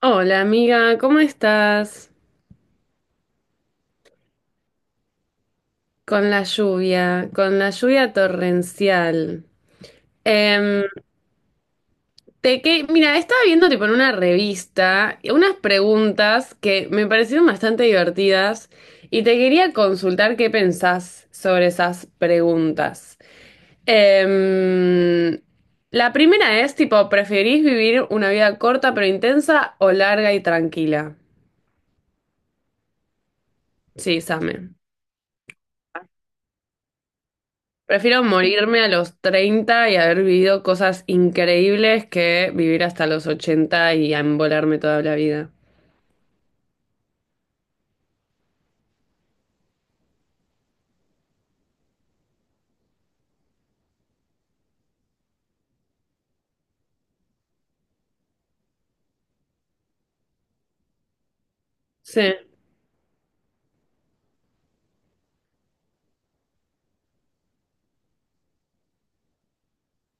Hola amiga, ¿cómo estás? Con la lluvia torrencial. Em, mira, estaba viendo tipo en una revista unas preguntas que me parecieron bastante divertidas y te quería consultar qué pensás sobre esas preguntas. Em, la primera es tipo, ¿preferís vivir una vida corta pero intensa o larga y tranquila? Sí, Same. Prefiero morirme a los 30 y haber vivido cosas increíbles que vivir hasta los 80 y embolarme toda la vida. Sí,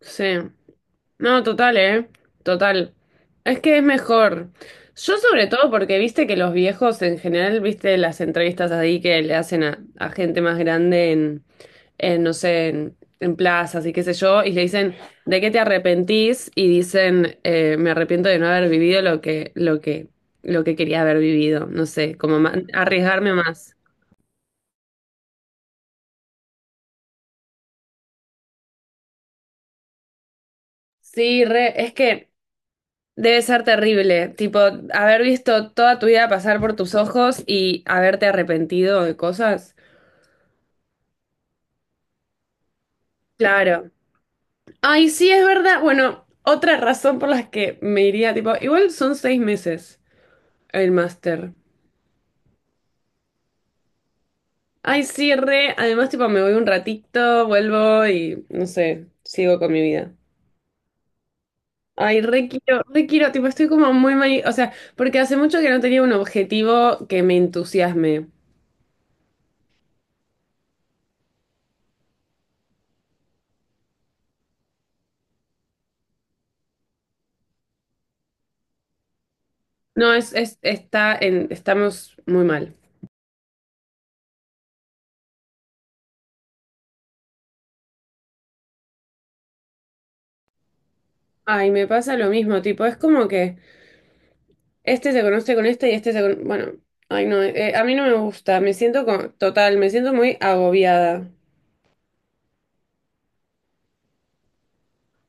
sí. No, total, ¿eh? Total. Es que es mejor. Yo sobre todo porque viste que los viejos en general, viste las entrevistas ahí que le hacen a gente más grande en, no sé, en plazas y qué sé yo, y le dicen, ¿de qué te arrepentís? Y dicen, me arrepiento de no haber vivido lo que quería haber vivido, no sé, como arriesgarme más. Sí, re, es que debe ser terrible, tipo, haber visto toda tu vida pasar por tus ojos y haberte arrepentido de cosas. Claro. Ay, sí, es verdad. Bueno, otra razón por las que me iría, tipo, igual son 6 meses el máster. Ay, sí, re. Además, tipo, me voy un ratito, vuelvo y, no sé, sigo con mi vida. Ay, re quiero, tipo, estoy como muy mal, o sea, porque hace mucho que no tenía un objetivo que me entusiasme. No, estamos muy mal. Ay, me pasa lo mismo, tipo, es como que este se conoce con este y este se conoce... Bueno, ay no, a mí no me gusta, total, me siento muy agobiada.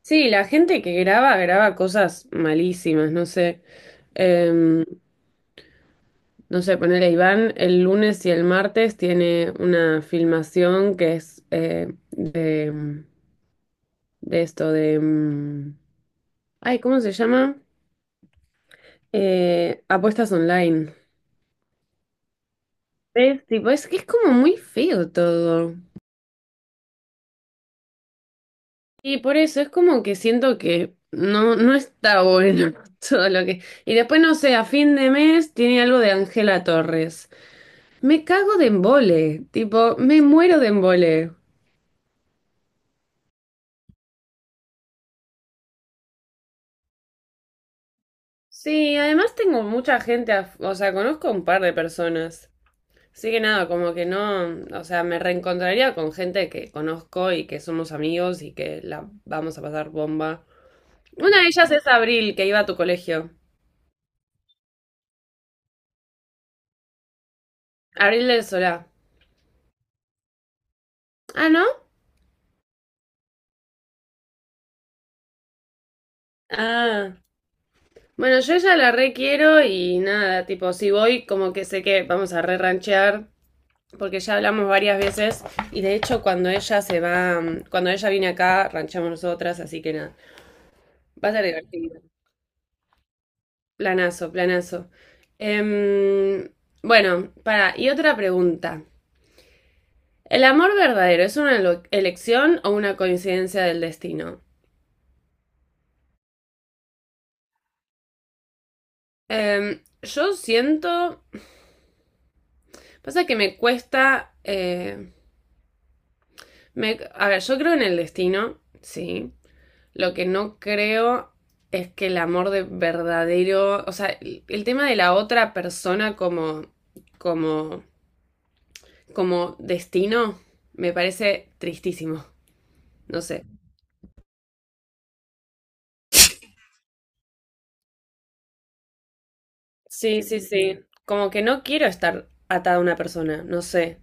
Sí, la gente que graba, graba cosas malísimas, no sé. Em, no sé, ponerle Iván, el lunes y el martes tiene una filmación que es de esto, de... ay, ¿cómo se llama? Apuestas online. Es tipo, es que es como muy feo todo. Y por eso es como que siento que no está bueno todo lo que... Y después, no sé, a fin de mes tiene algo de Ángela Torres. Me cago de embole, tipo, me muero de embole. Sí, además tengo mucha gente, o sea, conozco un par de personas. Así que nada, como que no, o sea, me reencontraría con gente que conozco y que somos amigos y que la vamos a pasar bomba. Una de ellas es Abril, que iba a tu colegio. Abril del Solá. Ah, ¿no? Ah. Bueno, yo ella la re quiero y nada, tipo, si voy, como que sé que vamos a re ranchear, porque ya hablamos varias veces y de hecho cuando ella se va, cuando ella viene acá, ranchamos nosotras, así que nada, va a ser divertido. Planazo, planazo. Em, bueno, para, y otra pregunta. ¿El amor verdadero es una elección o una coincidencia del destino? Yo siento, pasa que me cuesta, a ver, yo creo en el destino, sí. Lo que no creo es que el amor de verdadero, o sea, el tema de la otra persona como, como, como destino me parece tristísimo, no sé. Sí, sí, sí. Como que no quiero estar atada a una persona, no sé.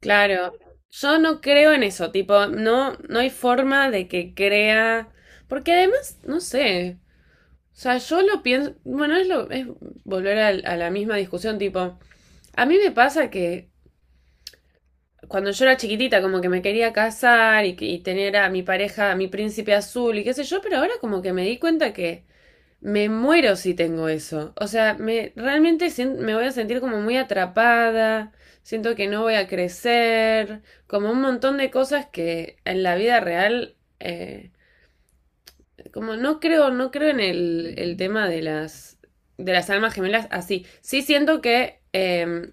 Claro, yo no creo en eso, tipo, no hay forma de que crea, porque además, no sé, o sea, yo lo pienso, bueno, es volver a la misma discusión, tipo, a mí me pasa que cuando yo era chiquitita, como que me quería casar y tener a mi pareja, a mi príncipe azul y qué sé yo, pero ahora como que me di cuenta que me muero si tengo eso. O sea, realmente me voy a sentir como muy atrapada, siento que no voy a crecer, como un montón de cosas que en la vida real, como no creo, no creo en el tema de de las almas gemelas así. Sí siento que...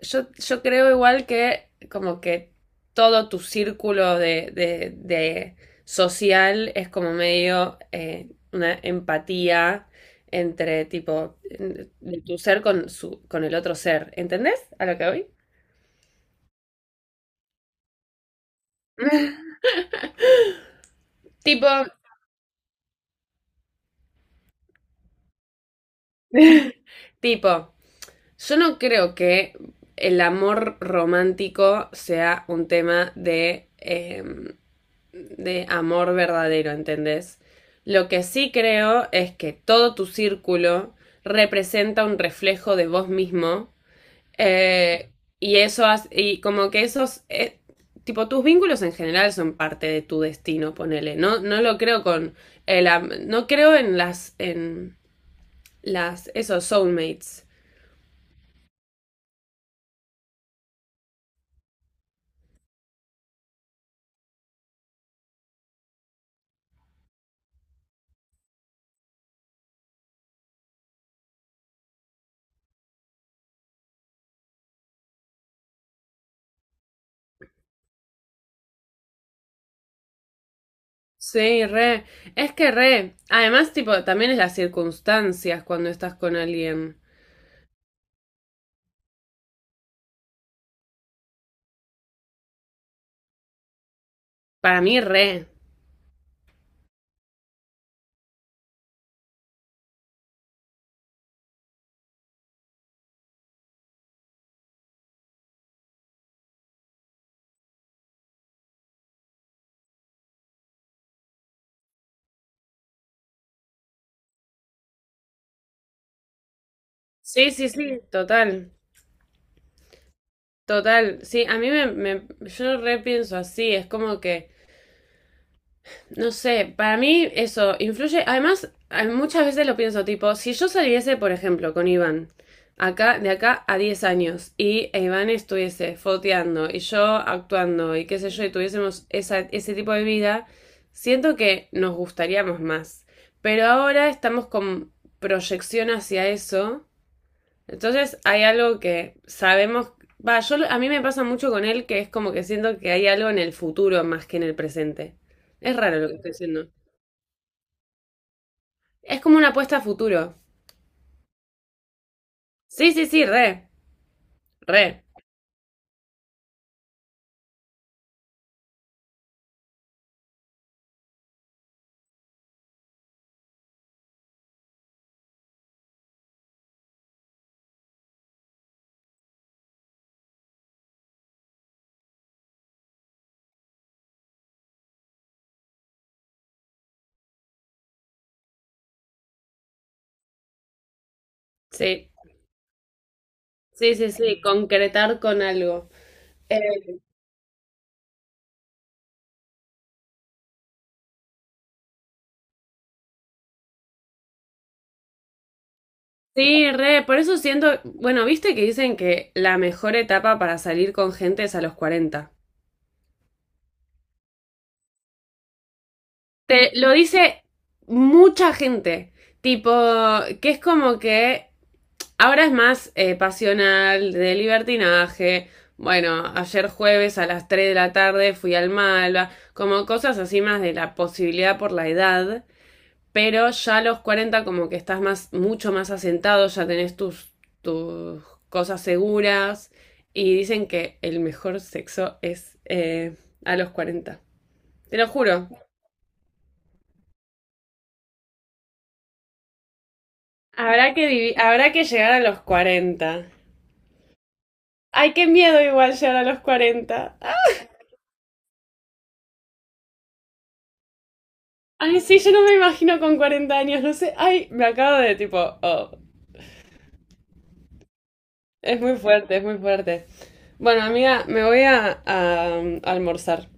yo creo igual que como que todo tu círculo de social es como medio una empatía entre tipo de tu ser con su con el otro ser. ¿Entendés a lo que voy? Tipo, tipo, yo no creo que el amor romántico sea un tema de amor verdadero, ¿entendés? Lo que sí creo es que todo tu círculo representa un reflejo de vos mismo eh, y eso y como que esos tipo tus vínculos en general son parte de tu destino, ponele. No lo creo con el no creo en las esos soulmates. Sí, re. Es que re. Además, tipo, también es las circunstancias cuando estás con alguien. Para mí, re. Sí, sí, sí, total, total. Sí, a mí yo repienso así, es como que, no sé, para mí eso influye, además, muchas veces lo pienso, tipo, si yo saliese, por ejemplo, con Iván, acá, de acá a 10 años, y Iván estuviese foteando y yo actuando y qué sé yo, y tuviésemos ese tipo de vida, siento que nos gustaríamos más. Pero ahora estamos con proyección hacia eso. Entonces hay algo que sabemos, va, yo a mí me pasa mucho con él que es como que siento que hay algo en el futuro más que en el presente. Es raro lo que estoy diciendo. Es como una apuesta a futuro. Sí, sí, sí, re, re. Sí, sí, sí, sí, concretar con algo. Eh, sí, re, por eso siento, bueno, viste que dicen que la mejor etapa para salir con gente es a los 40. Te lo dice mucha gente, tipo, que es como que ahora es más pasional, de libertinaje. Bueno, ayer jueves a las 3 de la tarde fui al Malva, como cosas así más de la posibilidad por la edad, pero ya a los 40 como que estás más, mucho más asentado, ya tenés tus cosas seguras y dicen que el mejor sexo es a los 40. Te lo juro, habrá que llegar a los 40. Ay, qué miedo igual llegar a los 40. Ay, sí, yo no me imagino con 40 años, no sé. Ay, me acabo de tipo, oh, es muy fuerte, es muy fuerte. Bueno, amiga, me voy almorzar.